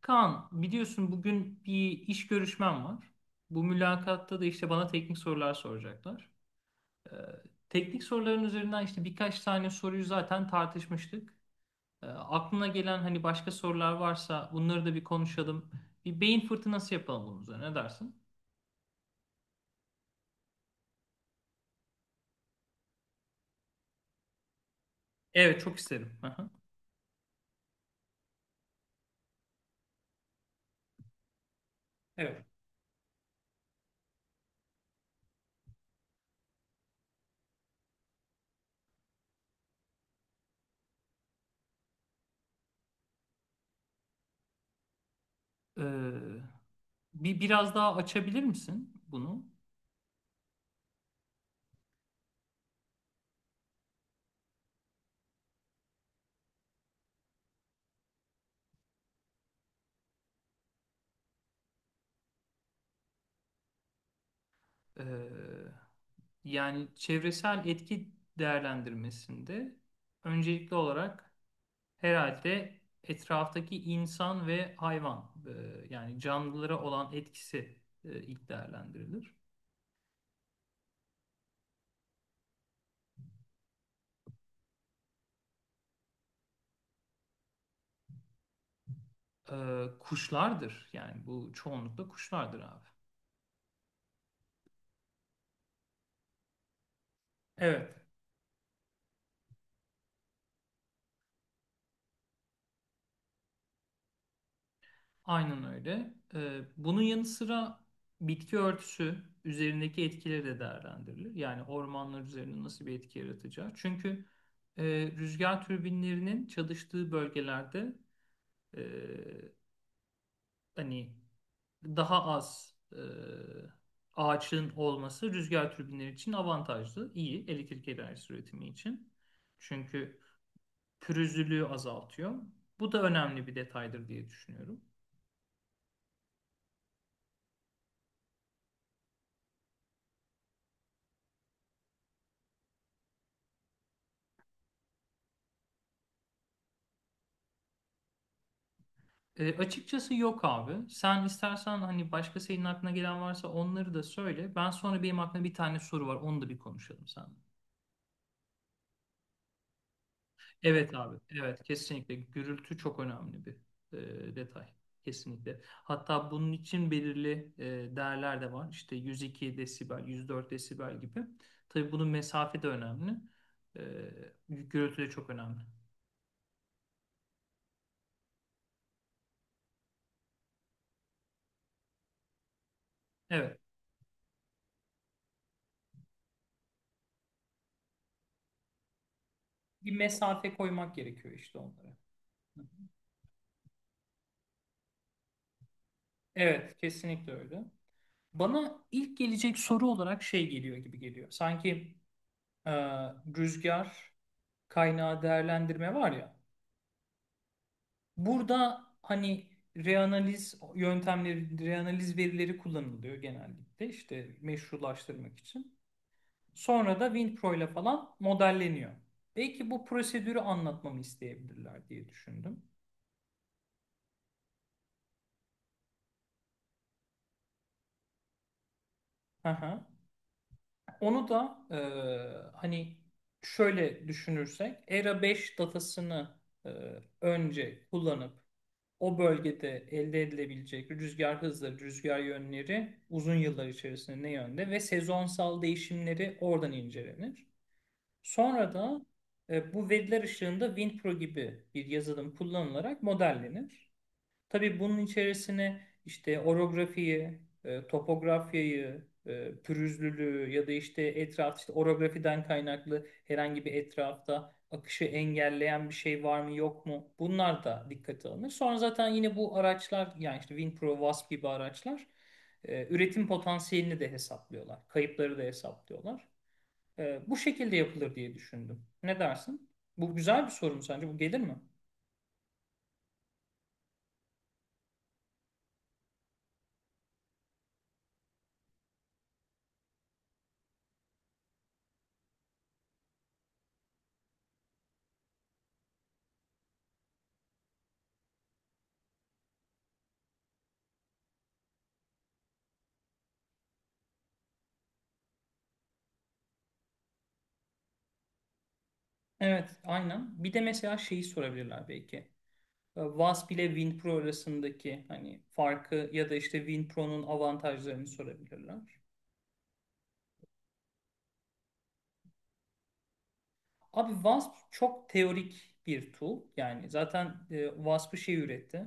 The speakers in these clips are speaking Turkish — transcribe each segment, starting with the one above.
Kaan, biliyorsun bugün bir iş görüşmem var. Bu mülakatta da işte bana teknik sorular soracaklar. Ee, teknik soruların üzerinden işte birkaç tane soruyu zaten tartışmıştık. Aklına gelen hani başka sorular varsa bunları da bir konuşalım. Bir beyin fırtınası yapalım bunun üzerine. Ne dersin? Evet, çok isterim. Aha. Evet. Ee, biraz daha açabilir misin bunu? Ee, yani çevresel etki değerlendirmesinde öncelikli olarak, herhalde etraftaki insan ve hayvan yani canlılara olan etkisi ilk değerlendirilir. Kuşlardır yani bu çoğunlukla kuşlardır abi. Evet. Aynen öyle. Bunun yanı sıra bitki örtüsü üzerindeki etkileri de değerlendirilir. Yani ormanlar üzerinde nasıl bir etki yaratacağı. Çünkü e, rüzgar türbinlerinin çalıştığı bölgelerde e, hani daha az ağaçın olması rüzgar türbinleri için avantajlı, iyi elektrik enerjisi üretimi için. Çünkü pürüzlülüğü azaltıyor. Bu da önemli bir detaydır diye düşünüyorum. Açıkçası yok abi. Sen istersen hani başka senin aklına gelen varsa onları da söyle. Ben sonra benim aklımda bir tane soru var. Onu da bir konuşalım sen. Evet abi, evet kesinlikle gürültü çok önemli bir detay. Kesinlikle. Hatta bunun için belirli değerler de var. İşte 102 desibel, 104 desibel gibi. Tabii bunun mesafe de önemli. E, gürültü de çok önemli. Evet. Bir mesafe koymak gerekiyor işte onlara. Evet, kesinlikle öyle. Bana ilk gelecek soru olarak şey geliyor gibi geliyor. Sanki e, rüzgar kaynağı değerlendirme var ya. Burada hani reanaliz yöntemleri, reanaliz verileri kullanılıyor genellikle işte meşrulaştırmak için. Sonra da WinPro ile falan modelleniyor. Belki bu prosedürü anlatmamı isteyebilirler diye düşündüm. Hı hı. Onu da hani şöyle düşünürsek ERA5 datasını e, önce kullanıp o bölgede elde edilebilecek rüzgar hızları, rüzgar yönleri uzun yıllar içerisinde ne yönde ve sezonsal değişimleri oradan incelenir. Sonra da bu veriler ışığında WinPro gibi bir yazılım kullanılarak modellenir. Tabii bunun içerisine işte orografiyi, topografyayı, pürüzlülüğü ya da işte etraf işte orografiden kaynaklı herhangi bir etrafta akışı engelleyen bir şey var mı yok mu? Bunlar da dikkate alınır. Sonra zaten yine bu araçlar yani işte WinPro, Wasp gibi araçlar üretim potansiyelini de hesaplıyorlar. Kayıpları da hesaplıyorlar. Bu şekilde yapılır diye düşündüm. Ne dersin? Bu güzel bir soru mu sence? Bu gelir mi? Evet, aynen. Bir de mesela şeyi sorabilirler belki. Wasp ile WinPro arasındaki hani farkı ya da işte WinPro'nun avantajlarını sorabilirler. Abi Wasp çok teorik bir tool. Yani zaten Wasp'ı şey üretti.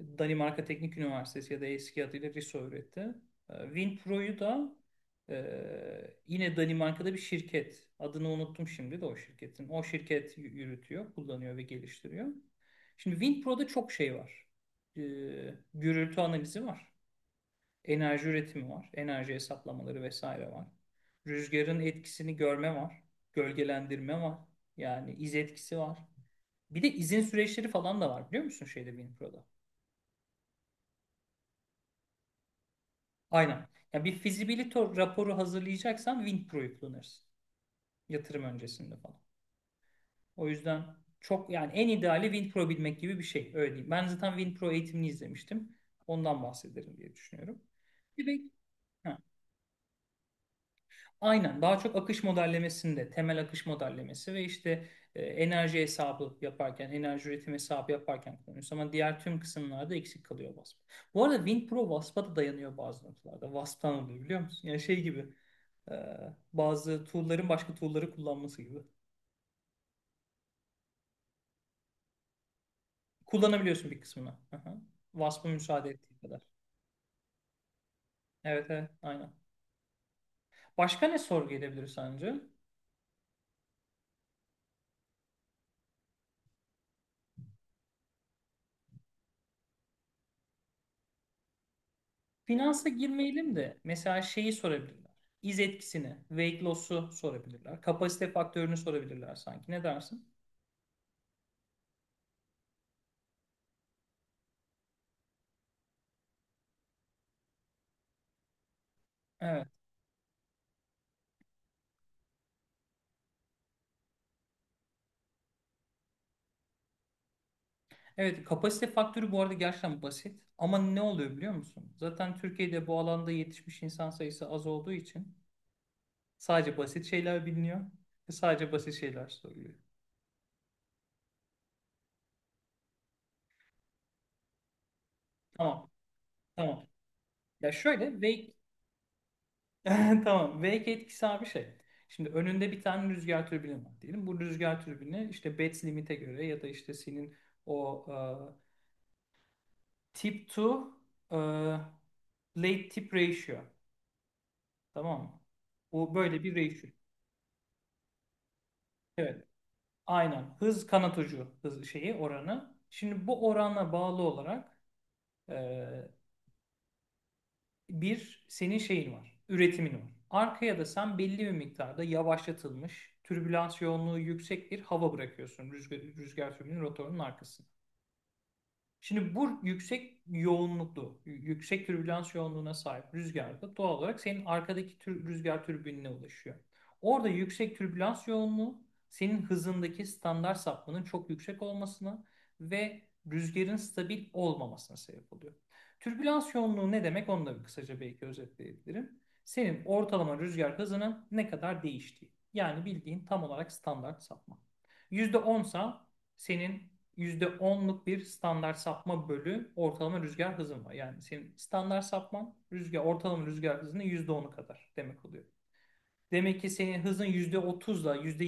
Danimarka Teknik Üniversitesi ya da eski adıyla RISO üretti. WinPro'yu da yine Danimarka'da bir şirket. Adını unuttum şimdi de o şirketin. O şirket yürütüyor, kullanıyor ve geliştiriyor. Şimdi WinPro'da çok şey var. E, gürültü analizi var. Enerji üretimi var. Enerji hesaplamaları vesaire var. Rüzgarın etkisini görme var. Gölgelendirme var. Yani iz etkisi var. Bir de izin süreçleri falan da var biliyor musun şeyde WinPro'da? Aynen. Ya bir feasibility raporu hazırlayacaksan WinPro'yu kullanırsın. Yatırım öncesinde falan. O yüzden çok yani en ideali WinPro bilmek gibi bir şey. Öyle diyeyim. Ben zaten WinPro eğitimini izlemiştim. Ondan bahsederim diye düşünüyorum. Bir de- Heh. Aynen daha çok akış modellemesinde temel akış modellemesi ve işte enerji hesabı yaparken enerji üretim hesabı yaparken kullanıyoruz ama diğer tüm kısımlarda eksik kalıyor WASP. Bu arada WinPro WASP'a da dayanıyor bazı noktalarda. WASP'tan alıyor biliyor musun? Yani şey gibi e, bazı tool'ların başka tool'ları kullanması gibi. Kullanabiliyorsun bir kısmını. Aha. WASP'a müsaade ettiği kadar. Evet, evet, aynen. Başka ne sorgu edebilir sence? Finansa girmeyelim de mesela şeyi sorabilirler. İz etkisini, weight loss'u sorabilirler. Kapasite faktörünü sorabilirler sanki. Ne dersin? Evet. Evet, kapasite faktörü bu arada gerçekten basit. Ama ne oluyor biliyor musun? Zaten Türkiye'de bu alanda yetişmiş insan sayısı az olduğu için sadece basit şeyler biliniyor ve sadece basit şeyler soruluyor. Tamam, tamam. Ya şöyle weight Tamam. V2 etkisi abi şey. Şimdi önünde bir tane rüzgar türbini var diyelim. Bu rüzgar türbini işte Betz limite göre ya da işte senin o tip to e, late tip ratio. Tamam mı? Bu böyle bir ratio. Evet. Aynen. Hız kanat ucu hız şeyi oranı. Şimdi bu orana bağlı olarak e, bir senin şeyin var, üretimin var. Arkaya da sen belli bir miktarda yavaşlatılmış, türbülans yoğunluğu yüksek bir hava bırakıyorsun rüzgar türbinin rotorunun arkasına. Şimdi bu yüksek yoğunluklu, yüksek türbülans yoğunluğuna sahip rüzgarda doğal olarak senin arkadaki rüzgar türbinine ulaşıyor. Orada yüksek türbülans yoğunluğu senin hızındaki standart sapmanın çok yüksek olmasına ve rüzgarın stabil olmamasına sebep oluyor. Türbülans yoğunluğu ne demek onu da bir kısaca belki özetleyebilirim. Senin ortalama rüzgar hızının ne kadar değiştiği. Yani bildiğin tam olarak standart sapma. %10 sa senin %10'luk bir standart sapma bölü ortalama rüzgar hızın var. Yani senin standart sapman rüzgar, ortalama rüzgar hızının %10'u kadar demek oluyor. Demek ki senin hızın yüzde otuzla yüzde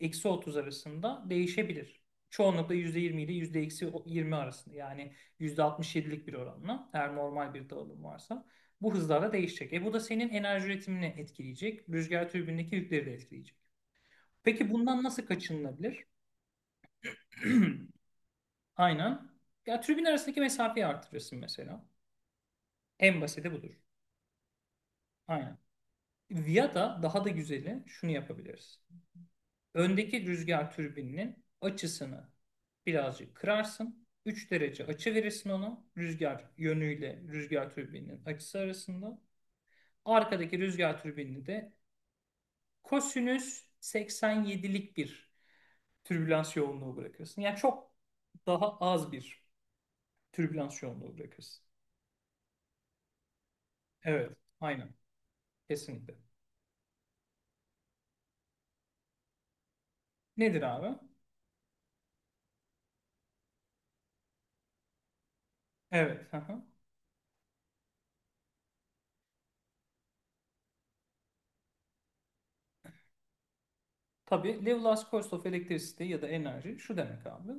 eksi otuz arasında değişebilir. Çoğunlukla %20 ile yüzde eksi yirmi arasında yani %67'lik bir oranla eğer normal bir dağılım varsa bu hızlarla değişecek. E bu da senin enerji üretimini etkileyecek. Rüzgar türbinindeki yükleri de etkileyecek. Peki bundan nasıl kaçınılabilir? Aynen. Ya tribün arasındaki mesafeyi artırırsın mesela. En basiti budur. Aynen. Ya da daha da güzeli şunu yapabiliriz. Öndeki rüzgar türbininin açısını birazcık kırarsın. 3 derece açı verirsin ona. Rüzgar yönüyle rüzgar türbininin açısı arasında. Arkadaki rüzgar türbinini de kosinüs 87'lik bir türbülans yoğunluğu bırakırsın. Yani çok daha az bir türbülans yoğunluğu bırakırsın. Evet, aynen. Kesinlikle. Nedir abi? Evet. Hı hı. Tabii Lewis Cost of Electricity ya da enerji şu demek abi.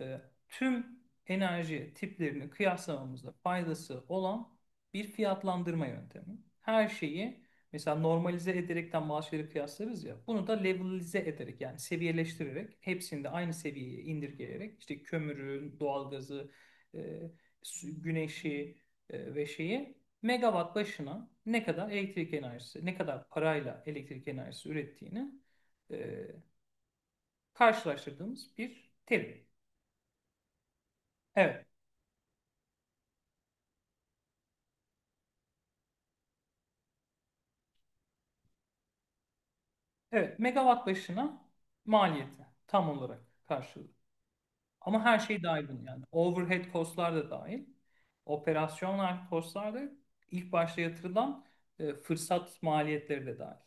e, tüm enerji tiplerini kıyaslamamızda faydası olan bir fiyatlandırma yöntemi. Her şeyi mesela normalize ederekten maaşları kıyaslarız ya. Bunu da levelize ederek yani seviyeleştirerek hepsini de aynı seviyeye indirgeyerek işte kömürü, doğalgazı, e, güneşi ve şeyi megawatt başına ne kadar elektrik enerjisi, ne kadar parayla elektrik enerjisi ürettiğini e, karşılaştırdığımız bir terim. Evet, evet, megawatt başına maliyeti tam olarak karşılığı. Ama her şey dahil bunun yani. Overhead costlar da dahil. Operasyonel costlar da ilk başta yatırılan fırsat maliyetleri de dahil.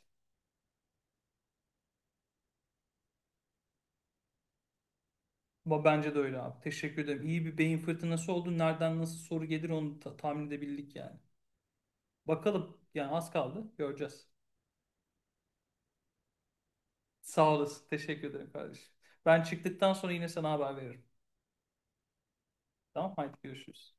Ama bence de öyle abi. Teşekkür ederim. İyi bir beyin fırtınası oldu. Nereden nasıl soru gelir onu tahmin edebildik yani. Bakalım yani az kaldı. Göreceğiz. Sağ olasın. Teşekkür ederim kardeşim. Ben çıktıktan sonra yine sana haber veririm. Tamam haydi görüşürüz.